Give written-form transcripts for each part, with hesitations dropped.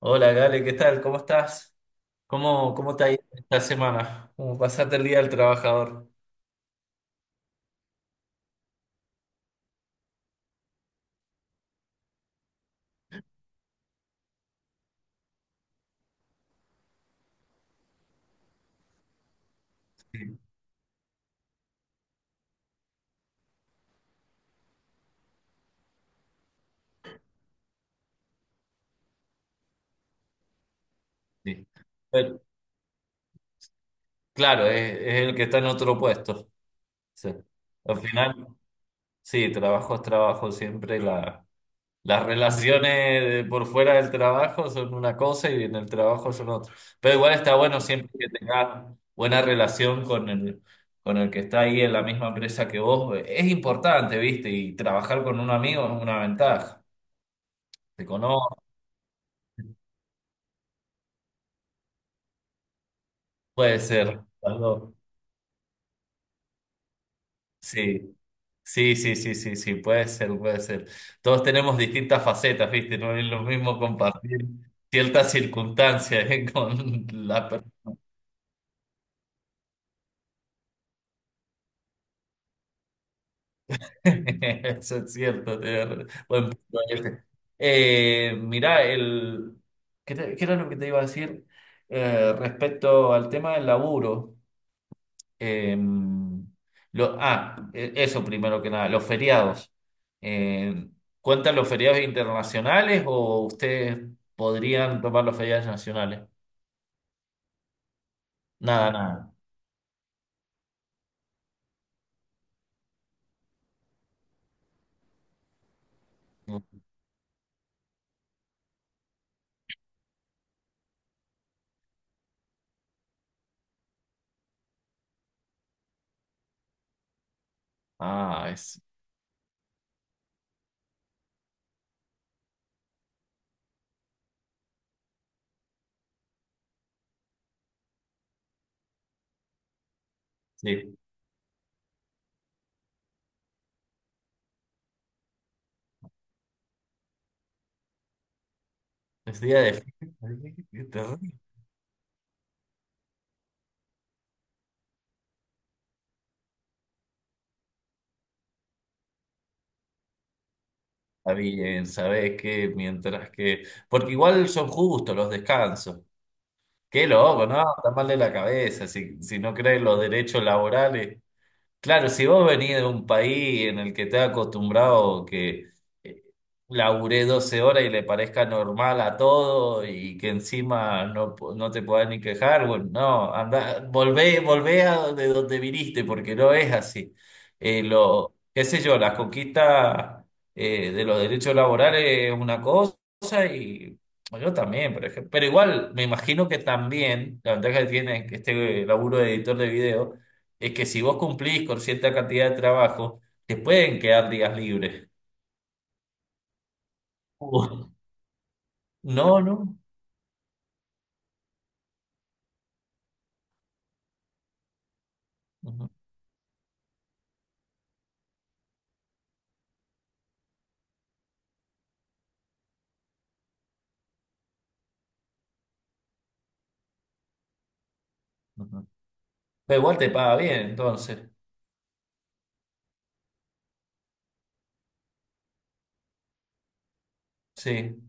Hola, Gale, ¿qué tal? ¿Cómo estás? ¿¿Cómo te ha ido esta semana? ¿Cómo pasaste el día del trabajador? Sí. Pero, claro, es el que está en otro puesto. Sí. Al final, sí, trabajo es trabajo. Las relaciones por fuera del trabajo son una cosa y en el trabajo son otra. Pero igual está bueno siempre que tengas buena relación con con el que está ahí en la misma empresa que vos. Es importante, ¿viste? Y trabajar con un amigo es una ventaja. Te conoce. Puede ser. Sí, sí, sí, sí, sí, sí, puede ser, puede ser. Todos tenemos distintas facetas, ¿viste? No es lo mismo compartir ciertas circunstancias, ¿eh? Eso es cierto. Tenés razón. Buen punto ese. Mirá, ¿Qué, qué era lo que te iba a decir respecto al tema del laburo? Em, Eso, primero que nada, los feriados. Em, ¿Cuentan los feriados internacionales o ustedes podrían tomar los feriados nacionales? Nada, nada. Ah, es, sí, es día de fiesta. ¿Sí? Qué terrible. Está bien, sabés que mientras que. Porque igual son justos los descansos. Qué loco, ¿no? Está mal de la cabeza si no creen los derechos laborales. Claro, si vos venís de un país en el que te has acostumbrado que eh, laburé 12 horas y le parezca normal a todo y que encima no, no te puedas ni quejar, bueno, no, anda, volvé, volvé a de donde viniste porque no es así. Qué sé yo, las conquistas de los derechos laborales es una cosa y bueno, yo también, por ejemplo. Pero igual, me imagino que también la ventaja que tiene este laburo de editor de video es que si vos cumplís con cierta cantidad de trabajo, te pueden quedar días libres. Ujú. No, no. Ujú, ujú. Pero igual te paga bien, entonces. Sí,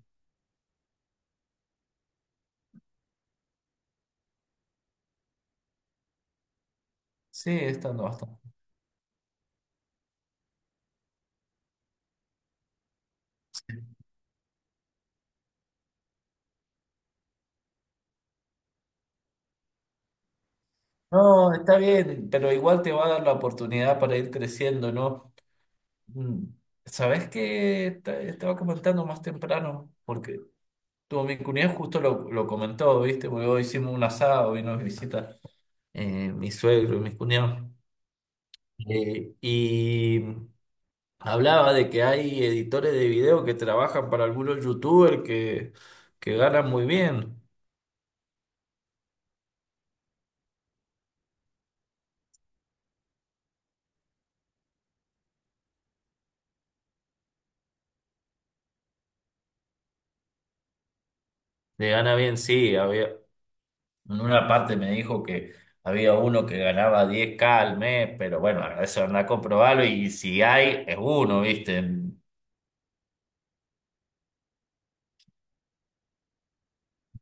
sí, estando bastante. No, está bien, pero igual te va a dar la oportunidad para ir creciendo, ¿no? Mm. ¿Sabés qué? Estaba comentando más temprano, porque mi cuñado justo lo comentó, ¿viste? Porque hoy hicimos un asado, vino a visitar mi suegro y mis cuñados. Eh, y Hablaba de que hay editores de video que trabajan para algunos youtubers que ganan muy bien. Le gana bien, sí. Había, en una parte me dijo que había uno que ganaba 10K al mes, pero bueno, eso anda a comprobarlo y si hay, es uno, ¿viste?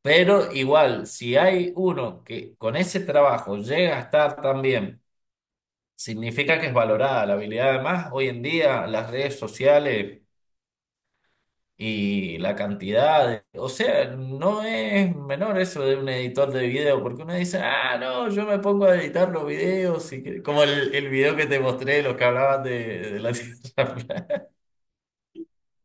Pero igual, si hay uno que con ese trabajo llega a estar tan bien, significa que es valorada la habilidad. Además, hoy en día las redes sociales O sea, no es menor eso de un editor de video, porque uno dice, ah, no, yo me pongo a editar los videos, y como el video que te mostré, los que hablaban de la Tierra plana.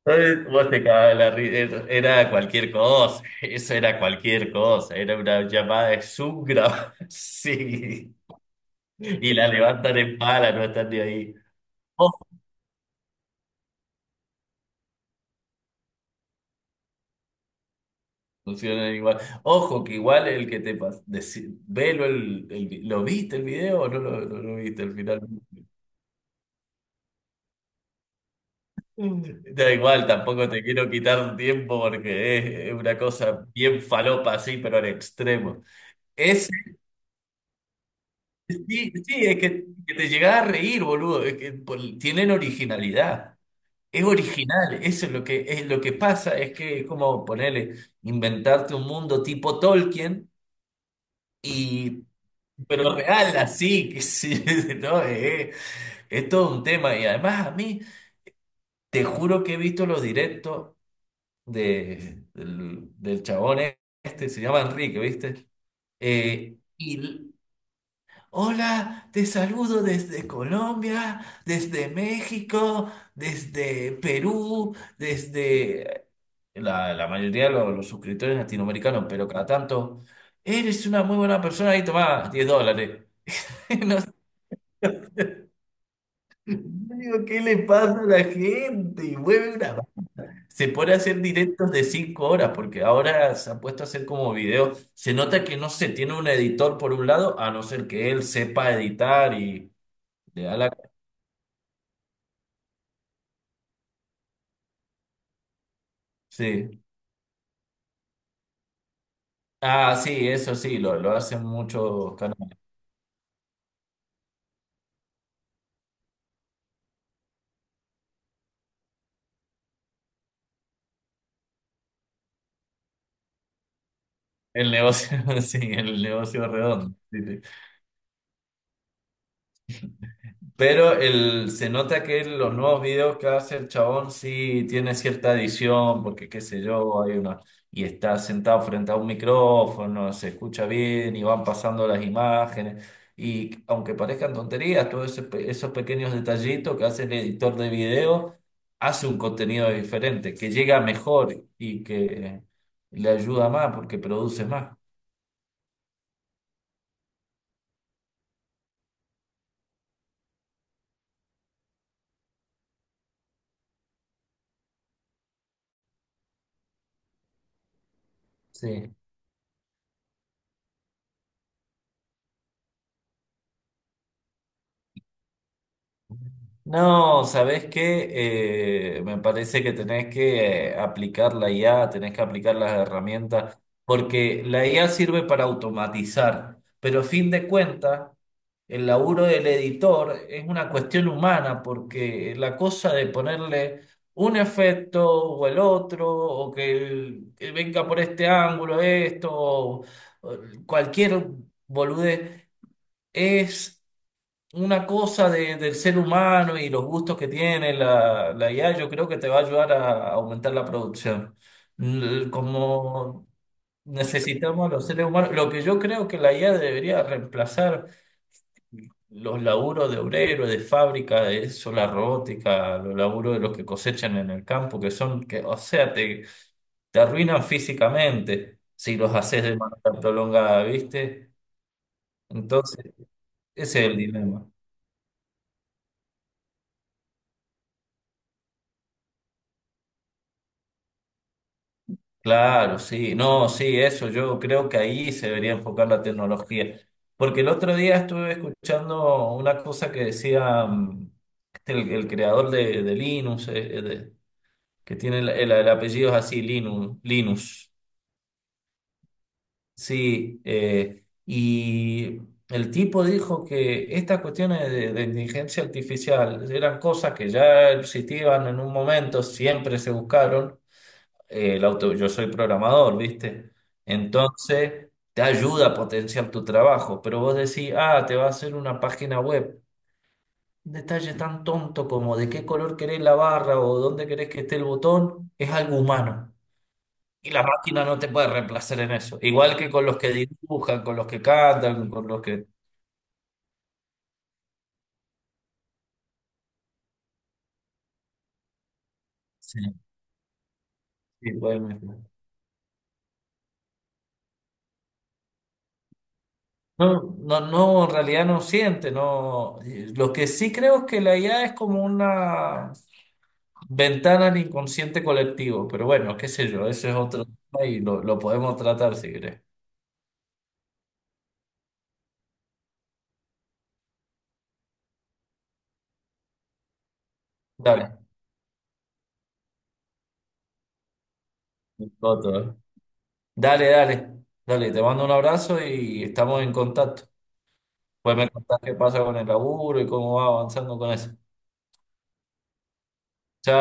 Entonces, vos te cagabas de la risa, era cualquier cosa, eso era cualquier cosa, era una llamada de Zoom grabada, sí, y la levantan en pala, no están ni ahí. Funcionan igual. Ojo, que igual el que velo el ¿lo viste el video o no no lo viste al final? Da igual, tampoco te quiero quitar tiempo porque es una cosa bien falopa así, pero al extremo. Es, sí, sí, que te llegás a reír, boludo. Es que tienen originalidad. Es original, eso es lo que pasa, es que es como ponerle, inventarte un mundo tipo Tolkien. Y, pero real, así, que sí, no, es todo un tema. Y además a mí, te juro que he visto los directos del chabón este, se llama Enrique, ¿viste? Eh, y, l- hola, te saludo desde Colombia, desde México, desde Perú, desde la mayoría de los suscriptores latinoamericanos, pero cada tanto, eres una muy buena persona y tomás $10. No. Digo, ¿qué le pasa a la gente? Se pone a hacer directos de 5 horas, porque ahora se ha puesto a hacer como videos. Se nota que no se tiene un editor por un lado, a no ser que él sepa editar y le da la... Sí. Ah, sí, eso sí, lo hacen muchos canales. El negocio, sí, el negocio redondo. Sí, sí. Pero el, se nota que los nuevos videos que hace el chabón sí tiene cierta edición, porque qué sé yo, hay una, y está sentado frente a un micrófono, se escucha bien y van pasando las imágenes. Y aunque parezcan tonterías, todos ese esos pequeños detallitos que hace el editor de video, hace un contenido diferente, que llega mejor y que le ayuda más porque produce más. Sí. No, ¿sabés qué? Me parece que tenés que aplicar la IA, tenés que aplicar las herramientas, porque la IA sirve para automatizar, pero a fin de cuentas, el laburo del editor es una cuestión humana, porque la cosa de ponerle un efecto o el otro, o que, que venga por este ángulo esto, o cualquier boludez, es una cosa del ser humano y los gustos que tiene la IA, yo creo que te va a ayudar a aumentar la producción. Como necesitamos a los seres humanos, lo que yo creo que la IA debería reemplazar los laburos de obrero, de fábrica, de eso, la robótica, los laburos de los que cosechan en el campo, que son, que, o sea, te arruinan físicamente si los haces de manera prolongada, ¿viste? Entonces, ese es el dilema. Claro, sí, no, sí, eso, yo creo que ahí se debería enfocar la tecnología. Porque el otro día estuve escuchando una cosa que decía el creador de Linux, que tiene el apellido es así, Linux. Sí, el tipo dijo que estas cuestiones de inteligencia artificial eran cosas que ya existían en un momento, siempre se buscaron yo soy programador, ¿viste? Entonces, te ayuda a potenciar tu trabajo, pero vos decís, ah, te va a hacer una página web. Un detalle tan tonto como de qué color querés la barra o dónde querés que esté el botón, es algo humano. Y la máquina no te puede reemplazar en eso. Igual que con los que dibujan, con los que cantan, con los que... Sí, sí, pueden mejorar. No, no, no, en realidad no siente, no. Lo que sí creo es que la IA es como una ventana al inconsciente colectivo, pero bueno, qué sé yo, ese es otro tema y lo podemos tratar si querés. Dale. Bueno, otro. Dale, dale, dale, te mando un abrazo y estamos en contacto. Pues me contás qué pasa con el laburo y cómo va avanzando con eso. Chao.